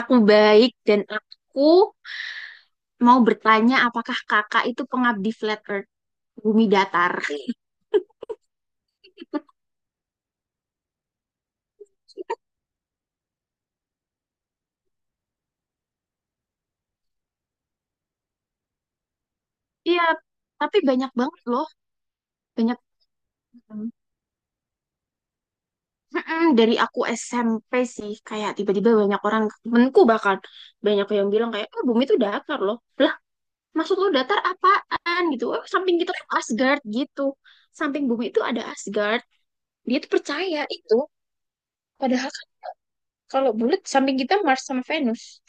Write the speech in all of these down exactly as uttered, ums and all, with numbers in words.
Aku baik dan aku mau bertanya apakah kakak itu pengabdi flat earth, bumi datar? Iya, tapi banyak banget loh, banyak banget. Mm-mm, dari aku S M P sih, kayak tiba-tiba banyak orang, temenku bahkan, banyak yang bilang kayak, oh bumi itu datar loh. Lah, maksud lo datar apaan gitu? Oh, samping kita tuh Asgard gitu. Samping bumi itu ada Asgard. Dia tuh percaya itu. Padahal kan kalau bulat samping kita Mars sama Venus.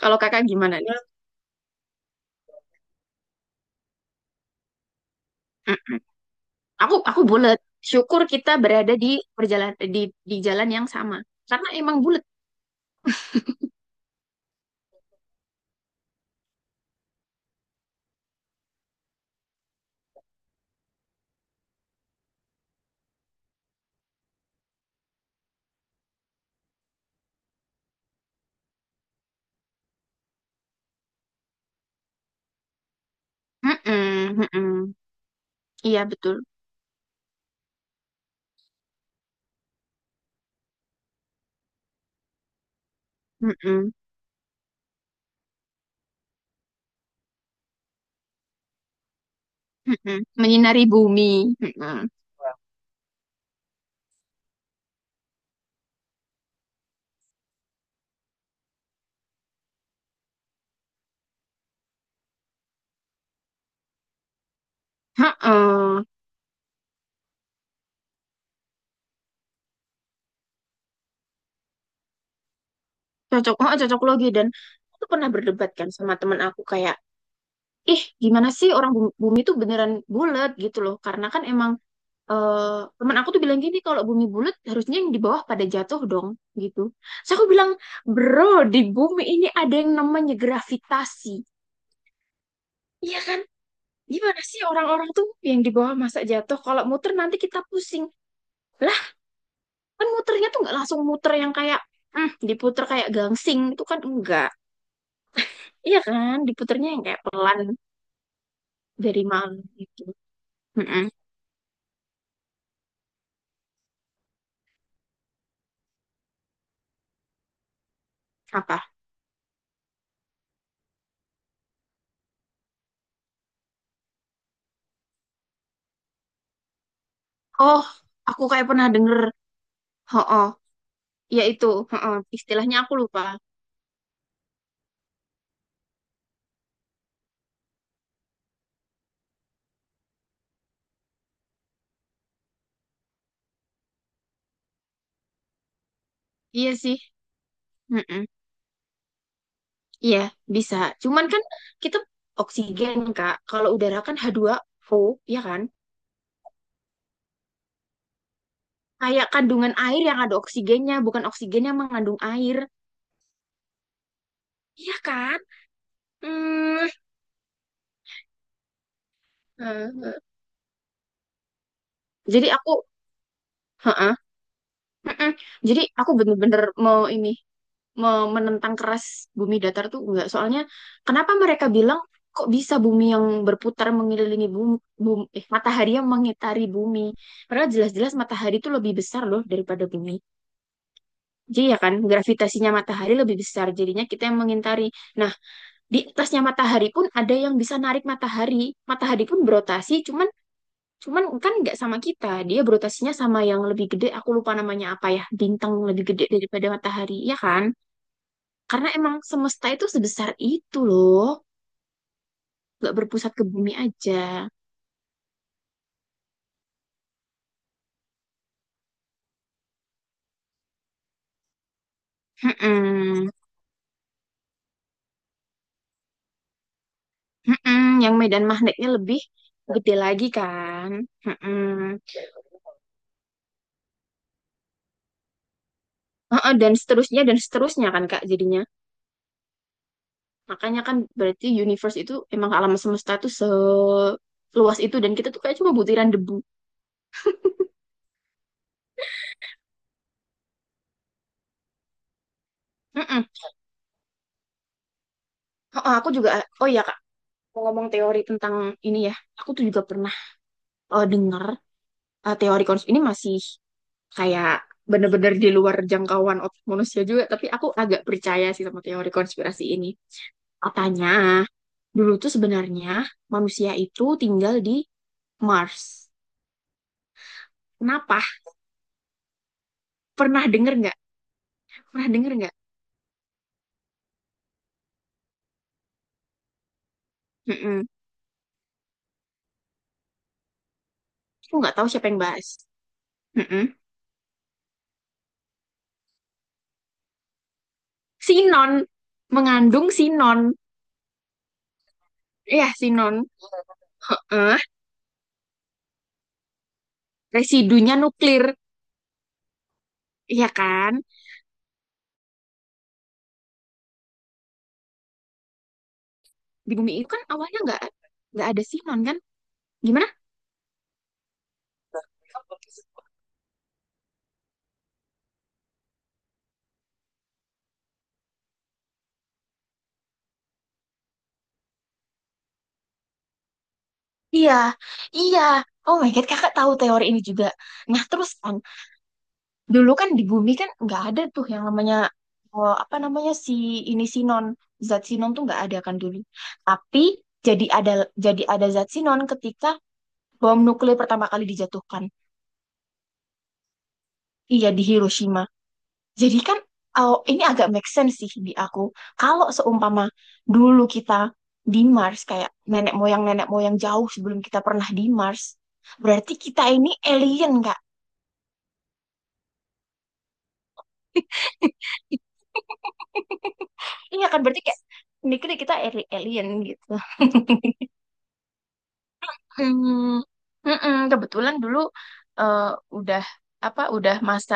Kalau kakak gimana nih? Aku aku bulat. Syukur kita berada di perjalan di di jalan yang sama. Karena emang bulat. Mm-mm, mm-mm. Iya betul. Mm-mm, mm-mm. Menyinari bumi. Mm-mm. mm Cocok, oh, cocok logi dan aku tuh pernah berdebat kan sama teman aku kayak, ih gimana sih orang bumi, bumi tuh beneran bulat gitu loh. Karena kan emang eh teman aku tuh bilang gini kalau bumi bulat harusnya yang di bawah pada jatuh dong gitu. Terus aku bilang, bro di bumi ini ada yang namanya gravitasi. Iya kan? Gimana sih orang-orang tuh yang di bawah masa jatuh? Kalau muter nanti kita pusing. Lah, kan muternya tuh nggak langsung muter yang kayak, hmm, diputer kayak gangsing. Itu kan enggak. Iya kan? Diputernya yang kayak pelan dari malam gitu. Mm-mm. Apa? Oh, aku kayak pernah denger. Ho-oh. Ya itu. Ho-oh. Istilahnya aku lupa. Iya sih. Mm-mm. Iya, bisa. Cuman kan kita oksigen, Kak. Kalau udara kan H two O, ya kan? Kayak kandungan air yang ada oksigennya, bukan oksigen yang mengandung air. Iya kan? Hmm. Heeh. Jadi aku, heeh, heeh. Jadi aku bener-bener mau ini, mau menentang keras bumi datar tuh enggak. Soalnya kenapa mereka bilang kok bisa bumi yang berputar mengelilingi bumi, bum- eh, matahari yang mengitari bumi? Padahal jelas-jelas matahari itu lebih besar loh daripada bumi. Jadi ya kan gravitasinya matahari lebih besar, jadinya kita yang mengintari. Nah, di atasnya matahari pun ada yang bisa narik matahari. Matahari pun berotasi, cuman cuman kan nggak sama kita. Dia berotasinya sama yang lebih gede, aku lupa namanya apa ya, bintang lebih gede daripada matahari, ya kan? Karena emang semesta itu sebesar itu loh, nggak berpusat ke bumi aja. Mm-mm. Mm-mm. Yang medan magnetnya lebih gede lagi kan. Mm-mm. Heeh, dan seterusnya dan seterusnya kan Kak jadinya. Makanya kan berarti universe itu emang alam semesta tuh seluas itu dan kita tuh kayak cuma butiran debu. Mm-mm. Oh, oh, aku juga, oh iya Kak, mau ngomong teori tentang ini ya, aku tuh juga pernah eh, dengar eh, teori konspirasi ini masih kayak bener-bener di luar jangkauan otak manusia juga, tapi aku agak percaya sih sama teori konspirasi ini. Katanya, dulu tuh sebenarnya manusia itu tinggal di Mars. Kenapa? Pernah denger nggak? Pernah denger nggak? Mm-mm. Aku nggak tahu siapa yang bahas. Mm-mm. sinon Mengandung sinon, ya, sinon. Heeh, residunya nuklir, ya kan, di bumi itu kan awalnya nggak nggak ada sinon kan, gimana? Iya, iya. Oh my God, kakak tahu teori ini juga. Nah, terus kan, dulu kan di bumi kan nggak ada tuh yang namanya, oh, apa namanya, si ini sinon. Zat sinon tuh nggak ada kan dulu. Tapi jadi ada jadi ada zat sinon ketika bom nuklir pertama kali dijatuhkan. Iya, di Hiroshima. Jadi kan oh, ini agak make sense sih di aku. Kalau seumpama dulu kita di Mars kayak nenek moyang nenek moyang jauh sebelum kita pernah di Mars, berarti kita ini alien Kak. Iya kan, berarti kayak mikirnya kita ali- alien gitu. Hmm, mm-mm, kebetulan dulu eh, udah apa udah masa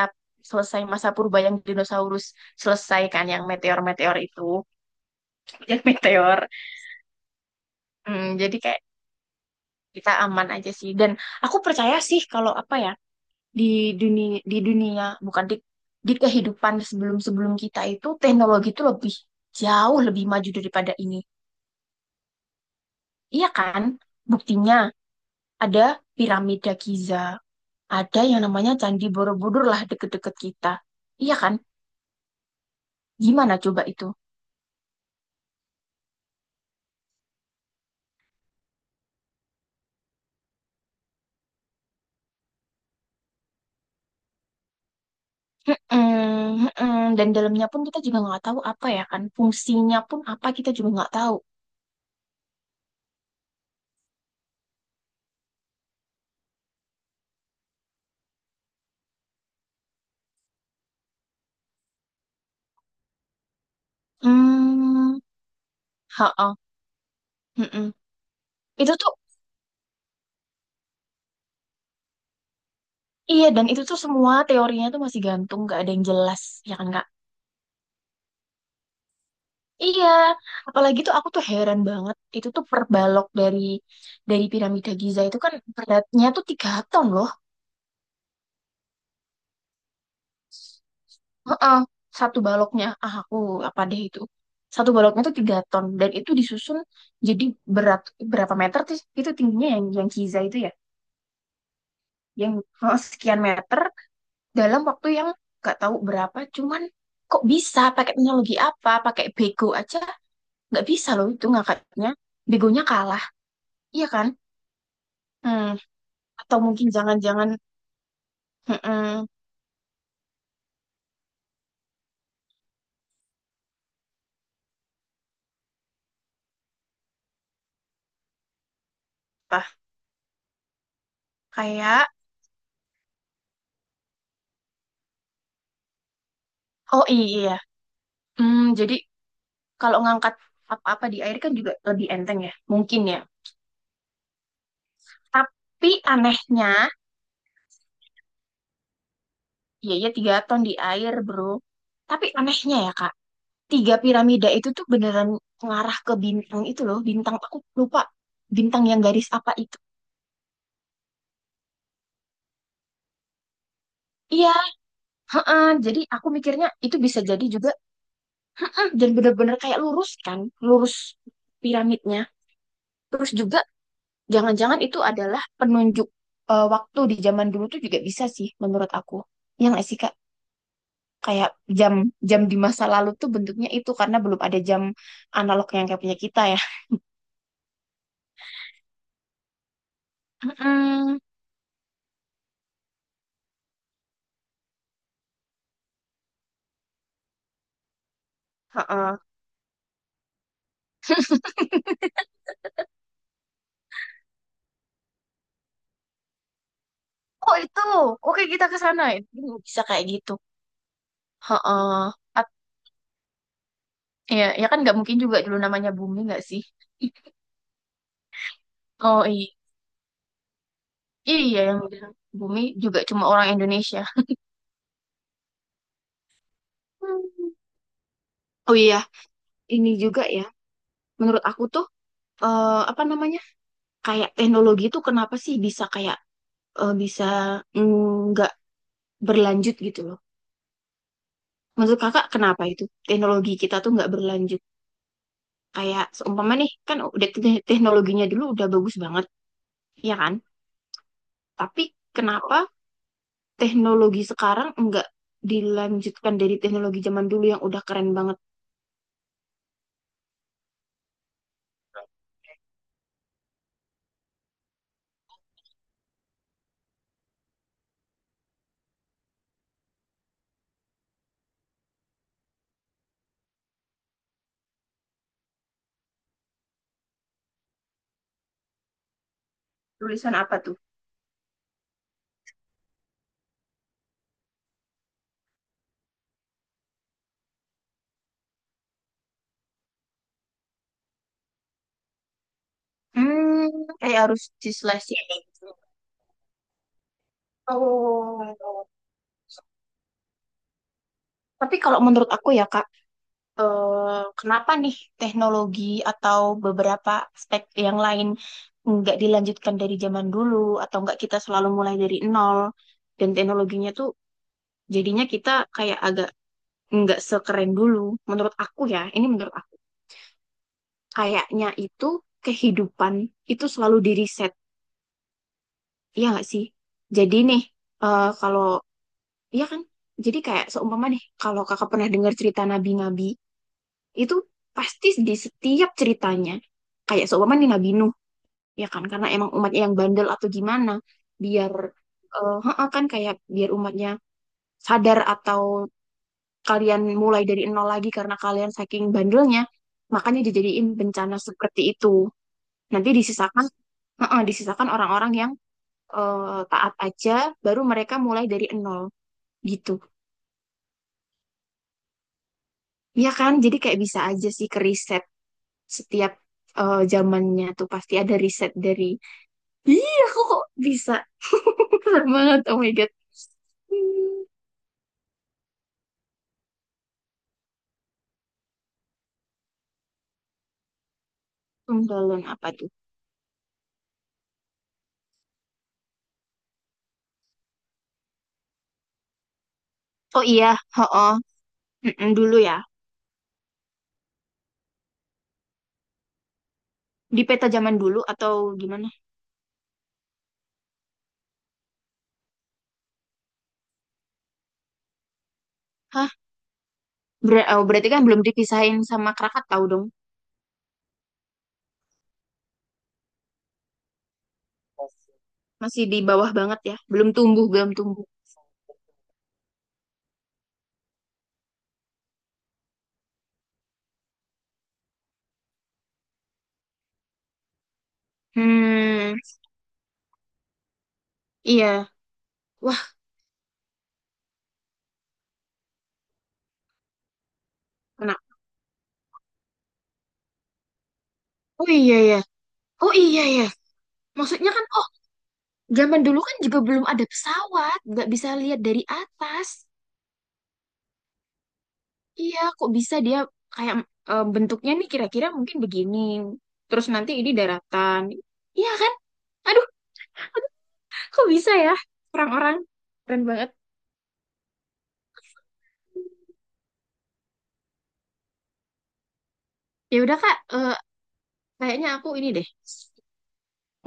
selesai masa purba yang dinosaurus selesai kan yang meteor-meteor itu, yang meteor. Hmm, jadi kayak kita aman aja sih, dan aku percaya sih kalau apa ya, di dunia di dunia bukan di di kehidupan sebelum sebelum kita itu teknologi itu lebih jauh lebih maju daripada ini, iya kan, buktinya ada piramida Giza, ada yang namanya Candi Borobudur, lah deket-deket kita, iya kan, gimana coba itu? Mm-mm, mm-mm. Dan dalamnya pun kita juga nggak tahu, apa ya kan, fungsinya pun apa kita juga nggak tahu. Hmm, ha-ah, mm-mm. Itu tuh. Iya, dan itu tuh semua teorinya tuh masih gantung, gak ada yang jelas, ya kan Kak? Iya, apalagi tuh aku tuh heran banget, itu tuh per balok dari dari piramida Giza itu kan beratnya tuh tiga ton loh. Heeh, satu baloknya, ah aku apa deh itu, satu baloknya tuh tiga ton, dan itu disusun jadi berat, berapa meter sih itu tingginya yang yang Giza itu ya, yang heeh, sekian meter dalam waktu yang gak tahu berapa, cuman kok bisa pakai teknologi apa, pakai bego aja nggak bisa loh itu ngangkatnya, begonya kalah, iya kan? Hmm. Atau mungkin jangan-jangan, mm-mm, apa, kayak, oh i- iya. Hmm, jadi kalau ngangkat apa-apa di air kan juga lebih enteng ya mungkin ya. Tapi anehnya, iya iya tiga ton di air, bro. Tapi anehnya ya Kak, tiga piramida itu tuh beneran ngarah ke bintang itu loh, bintang aku lupa, bintang yang garis apa itu. Iya, heeh, jadi aku mikirnya itu bisa jadi juga, dan benar-benar kayak lurus kan, lurus piramidnya. Terus juga jangan-jangan itu adalah penunjuk eh, waktu di zaman dulu tuh juga bisa sih menurut aku. Yang nggak sih Kak? Kayak jam, jam di masa lalu tuh bentuknya itu karena belum ada jam analog yang kayak punya kita ya. Mm-mm. Heeh. Oh itu, oke kita ke sana ya. Dulu bisa kayak gitu. Heeh. At- Ya, ya kan nggak mungkin juga dulu namanya bumi, nggak sih? Oh iya, iya yang bilang bumi juga cuma orang Indonesia. Hmm. Oh iya, ini juga ya, menurut aku tuh eh, apa namanya, kayak teknologi tuh kenapa sih bisa kayak eh, bisa, mm, nggak berlanjut gitu loh. Menurut kakak kenapa itu teknologi kita tuh nggak berlanjut? Kayak seumpama nih kan udah te- teknologinya dulu udah bagus banget, ya kan? Tapi kenapa teknologi sekarang nggak dilanjutkan dari teknologi zaman dulu yang udah keren banget? Tulisan apa tuh? Hmm, kayak harus diselesaikan. Oh. Tapi kalau menurut aku ya Kak, eh, kenapa nih teknologi atau beberapa aspek yang lain nggak dilanjutkan dari zaman dulu, atau nggak kita selalu mulai dari nol, dan teknologinya tuh jadinya kita kayak agak nggak sekeren dulu. Menurut aku ya, ini menurut aku. Kayaknya itu kehidupan itu selalu diriset, iya nggak sih? Jadi nih, eh, kalau iya kan, jadi kayak seumpama nih, kalau kakak pernah dengar cerita nabi-nabi, itu pasti di setiap ceritanya kayak seumpama nih Nabi Nuh, ya kan, karena emang umatnya yang bandel atau gimana, biar eh, heeh, kan kayak biar umatnya sadar, atau kalian mulai dari nol lagi karena kalian saking bandelnya, makanya dijadiin bencana seperti itu, nanti disisakan, heeh, disisakan orang-orang yang eh, taat aja, baru mereka mulai dari nol gitu, ya kan, jadi kayak bisa aja sih ke riset setiap eh, zamannya tuh pasti ada riset dari. Iya, aku kok bisa. Keren banget, oh my God. Hmm, penggalan apa tuh? Oh iya, oh, dulu ya. Di peta zaman dulu atau gimana? Hah? Ber- oh, berarti kan belum dipisahin sama Krakatau dong. Masih di bawah banget ya. Belum tumbuh, belum tumbuh. Hmm, iya. Wah, kenapa? Oh iya ya. Oh iya ya. Maksudnya kan, oh zaman dulu kan juga belum ada pesawat. Nggak bisa lihat dari atas. Iya, kok bisa dia kayak eh, bentuknya nih kira-kira mungkin begini. Terus nanti ini daratan. Iya kan? Aduh, kok bisa ya? Orang-orang keren banget. Ya udah Kak, eh, kayaknya aku ini deh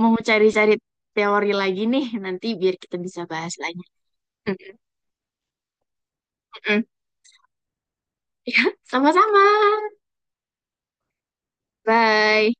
mau cari-cari teori lagi nih nanti biar kita bisa bahas lagi. Ya, sama-sama. Bye.